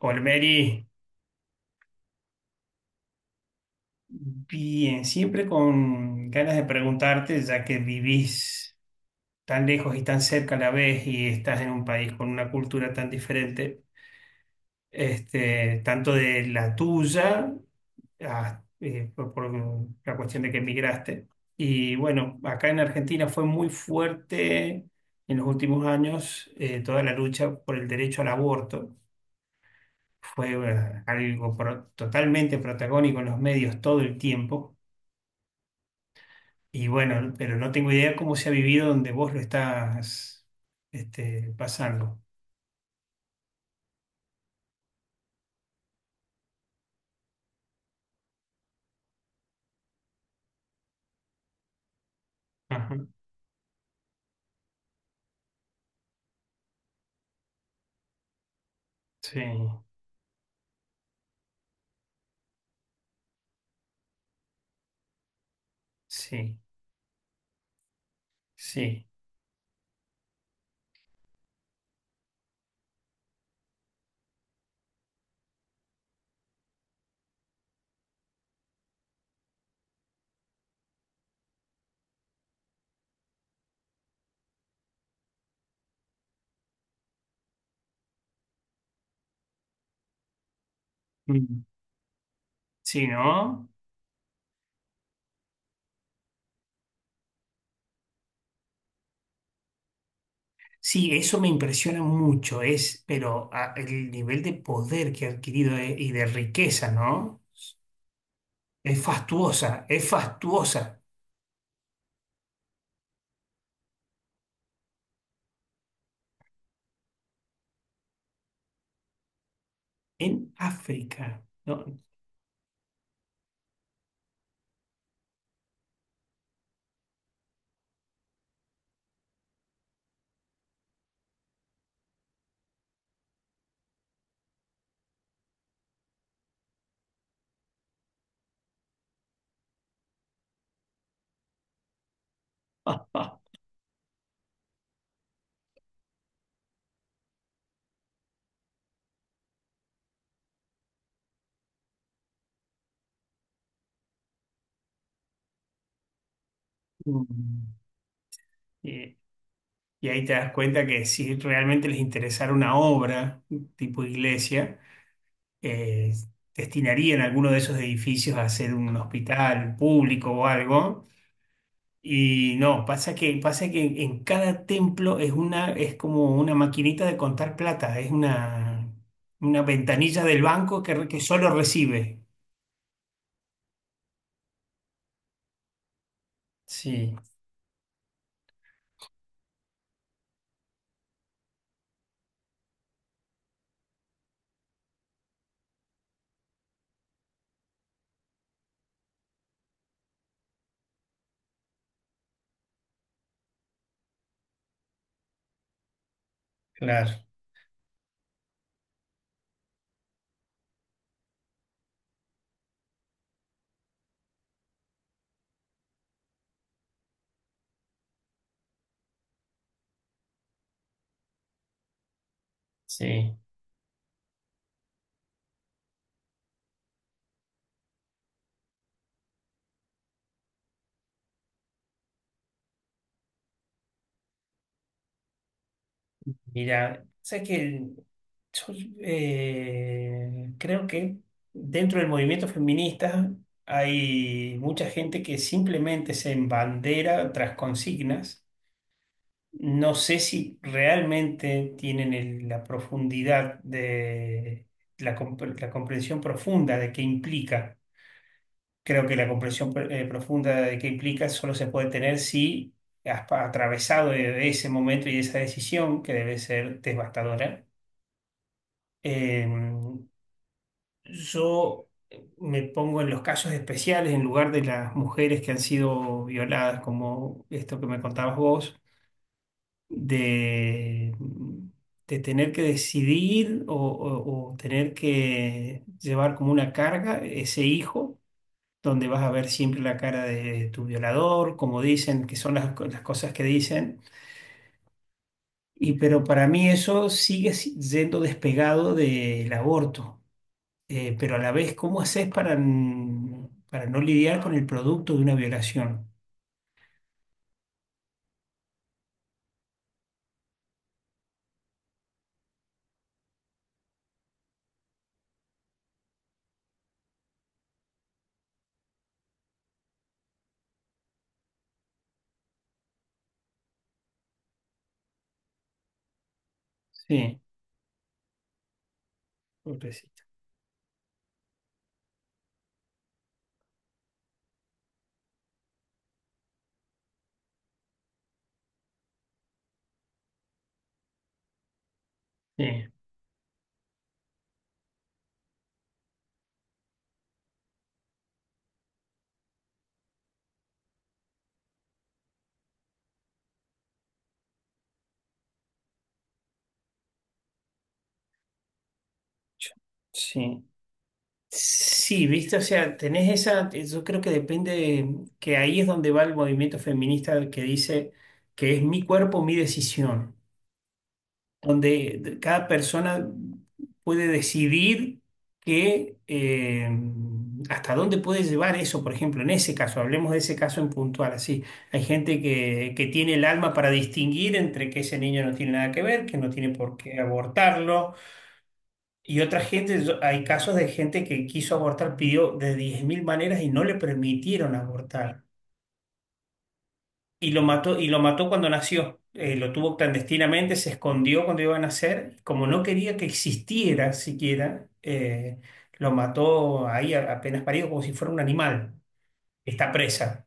Olmeri, bien, siempre con ganas de preguntarte, ya que vivís tan lejos y tan cerca a la vez y estás en un país con una cultura tan diferente, este, tanto de la tuya, ah, por la cuestión de que emigraste. Y bueno, acá en Argentina fue muy fuerte en los últimos años toda la lucha por el derecho al aborto. Fue algo totalmente protagónico en los medios todo el tiempo. Y bueno, pero no tengo idea cómo se ha vivido donde vos lo estás este, pasando. Ajá. Sí, sí, sí. Mm. Sí, ¿no? Sí, eso me impresiona mucho, pero ah, el nivel de poder que ha adquirido y de riqueza, ¿no? Es fastuosa, es fastuosa. En África, ¿no? Mm. Y, y ahí te das cuenta que si realmente les interesara una obra tipo iglesia, eh, destinarían alguno de esos edificios a ser un hospital público o algo. Y no, pasa que en cada templo es una, es como una maquinita de contar plata, es una ventanilla del banco que solo recibe. Sí, claro, sí. Mira, sabes que yo, creo que dentro del movimiento feminista hay mucha gente que simplemente se embandera tras consignas. No sé si realmente tienen la profundidad de la comprensión profunda de qué implica. Creo que la comprensión profunda de qué implica solo se puede tener si has atravesado ese momento y esa decisión que debe ser devastadora. Eh, Yo me pongo en los casos especiales en lugar de las mujeres que han sido violadas, como esto que me contabas vos, de, de tener que decidir o tener que llevar como una carga ese hijo, donde vas a ver siempre la cara de tu violador, como dicen, que son las cosas que dicen. Y pero para mí eso sigue yendo despegado del aborto. Pero a la vez, ¿cómo haces para no lidiar con el producto de una violación? Sí, pobrecita. Sí, yo- sí. Sí, viste, o sea, tenés esa, yo creo que depende, que ahí es donde va el movimiento feminista que dice que es mi cuerpo, mi decisión. Donde cada persona puede decidir que, hasta dónde puede llevar eso, por ejemplo, en ese caso, hablemos de ese caso en puntual, así. Hay gente que tiene el alma para distinguir entre que ese niño no tiene nada que ver, que no tiene por qué abortarlo, y otra gente, hay casos de gente que quiso abortar, pidió de 10.000 maneras y no le permitieron abortar. Y lo mató cuando nació. Lo tuvo clandestinamente, se escondió cuando iba a nacer. Como no quería que existiera siquiera, lo mató ahí apenas parido como si fuera un animal. Está presa.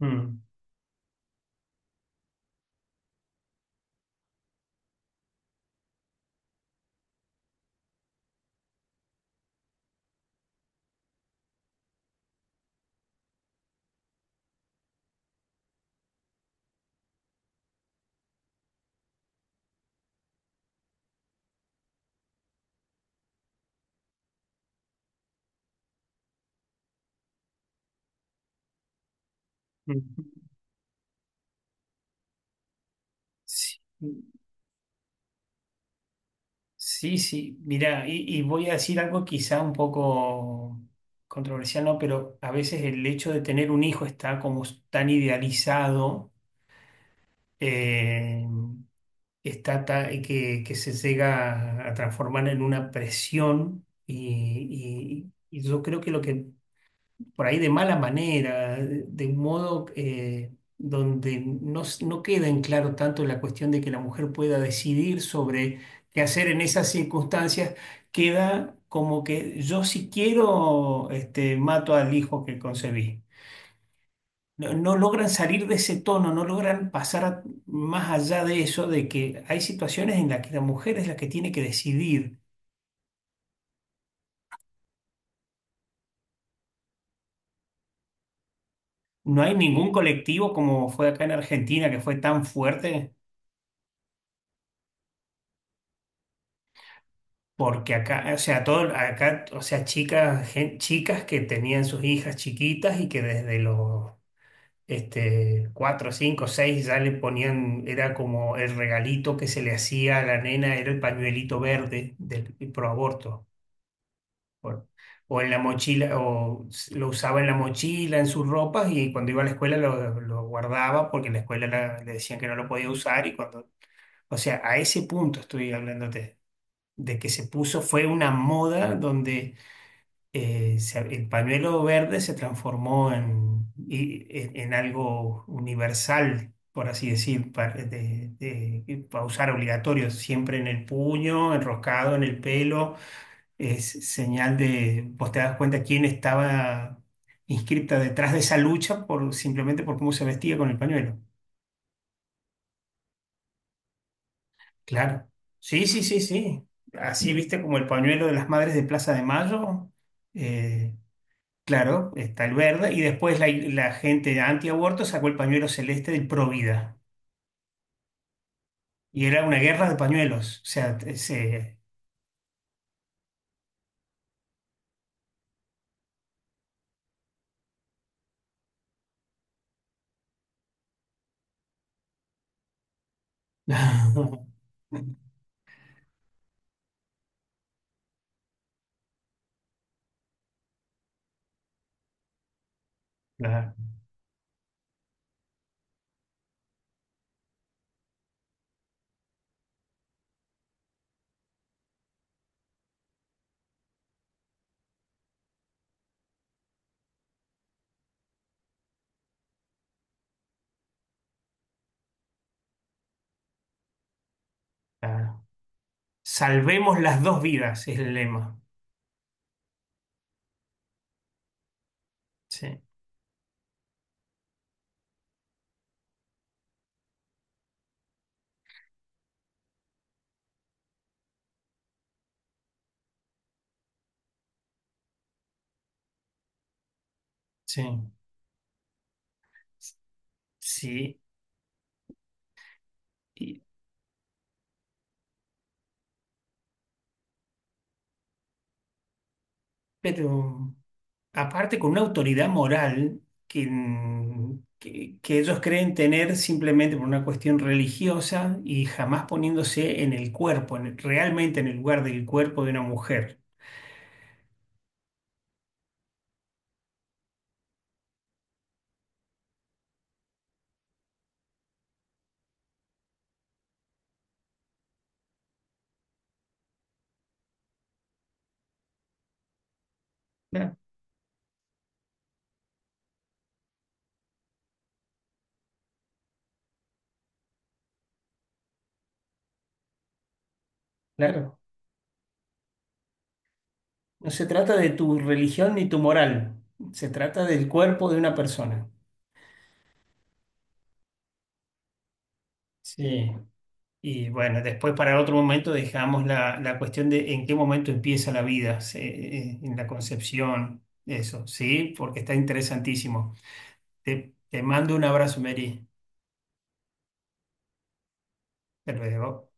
Mm. Mm. Sí, sí, sí. Mira, y voy a decir algo quizá un poco controversial, ¿no? Pero a veces el hecho de tener un hijo está como tan idealizado. eh, que se llega a transformar en una presión y, y yo creo que lo que por ahí de mala manera, de un modo donde no queda en claro tanto la cuestión de que la mujer pueda decidir sobre qué hacer en esas circunstancias, queda como que yo si quiero este, mato al hijo que concebí. No, no logran salir de ese tono, no logran pasar más allá de eso, de que hay situaciones en las que la mujer es la que tiene que decidir. No hay ningún colectivo como fue acá en Argentina que fue tan fuerte, porque acá, o sea, todo, acá, o sea, chicas, chicas que tenían sus hijas chiquitas y que desde los cuatro, cinco, seis ya le ponían, era como el regalito que se le hacía a la nena, era el pañuelito verde del pro aborto. Por- o en la mochila, lo usaba en la mochila, en sus ropas, y cuando iba a la escuela lo guardaba porque en la escuela le decían que no lo podía usar. O sea, a ese punto estoy hablándote, de que se puso, fue una moda donde el pañuelo verde se transformó en algo universal. Por así decir, para usar obligatorio, siempre en el puño, enroscado en el pelo, es señal de, vos te das cuenta quién estaba inscripta detrás de esa lucha por, simplemente por cómo se vestía con el pañuelo. Claro. Sí, sí, sí, sí. Así viste como el pañuelo de las madres de Plaza de Mayo. eh, claro, está el verde. Y después la gente antiaborto sacó el pañuelo celeste del Provida. Y era una guerra de pañuelos. O sea, se... Claro, claro. Salvemos las dos vidas, es el lema. Sí, sí. Sí, Y- pero aparte con una autoridad moral que ellos creen tener simplemente por una cuestión religiosa y jamás poniéndose en el cuerpo, realmente en el lugar del cuerpo de una mujer. Claro, claro. No se trata de tu religión ni tu moral, se trata del cuerpo de una persona. Sí. Y bueno, después para otro momento dejamos la cuestión de en qué momento empieza la vida, en la concepción, eso, ¿sí? Porque está interesantísimo. Te mando un abrazo, Mary. Hasta luego.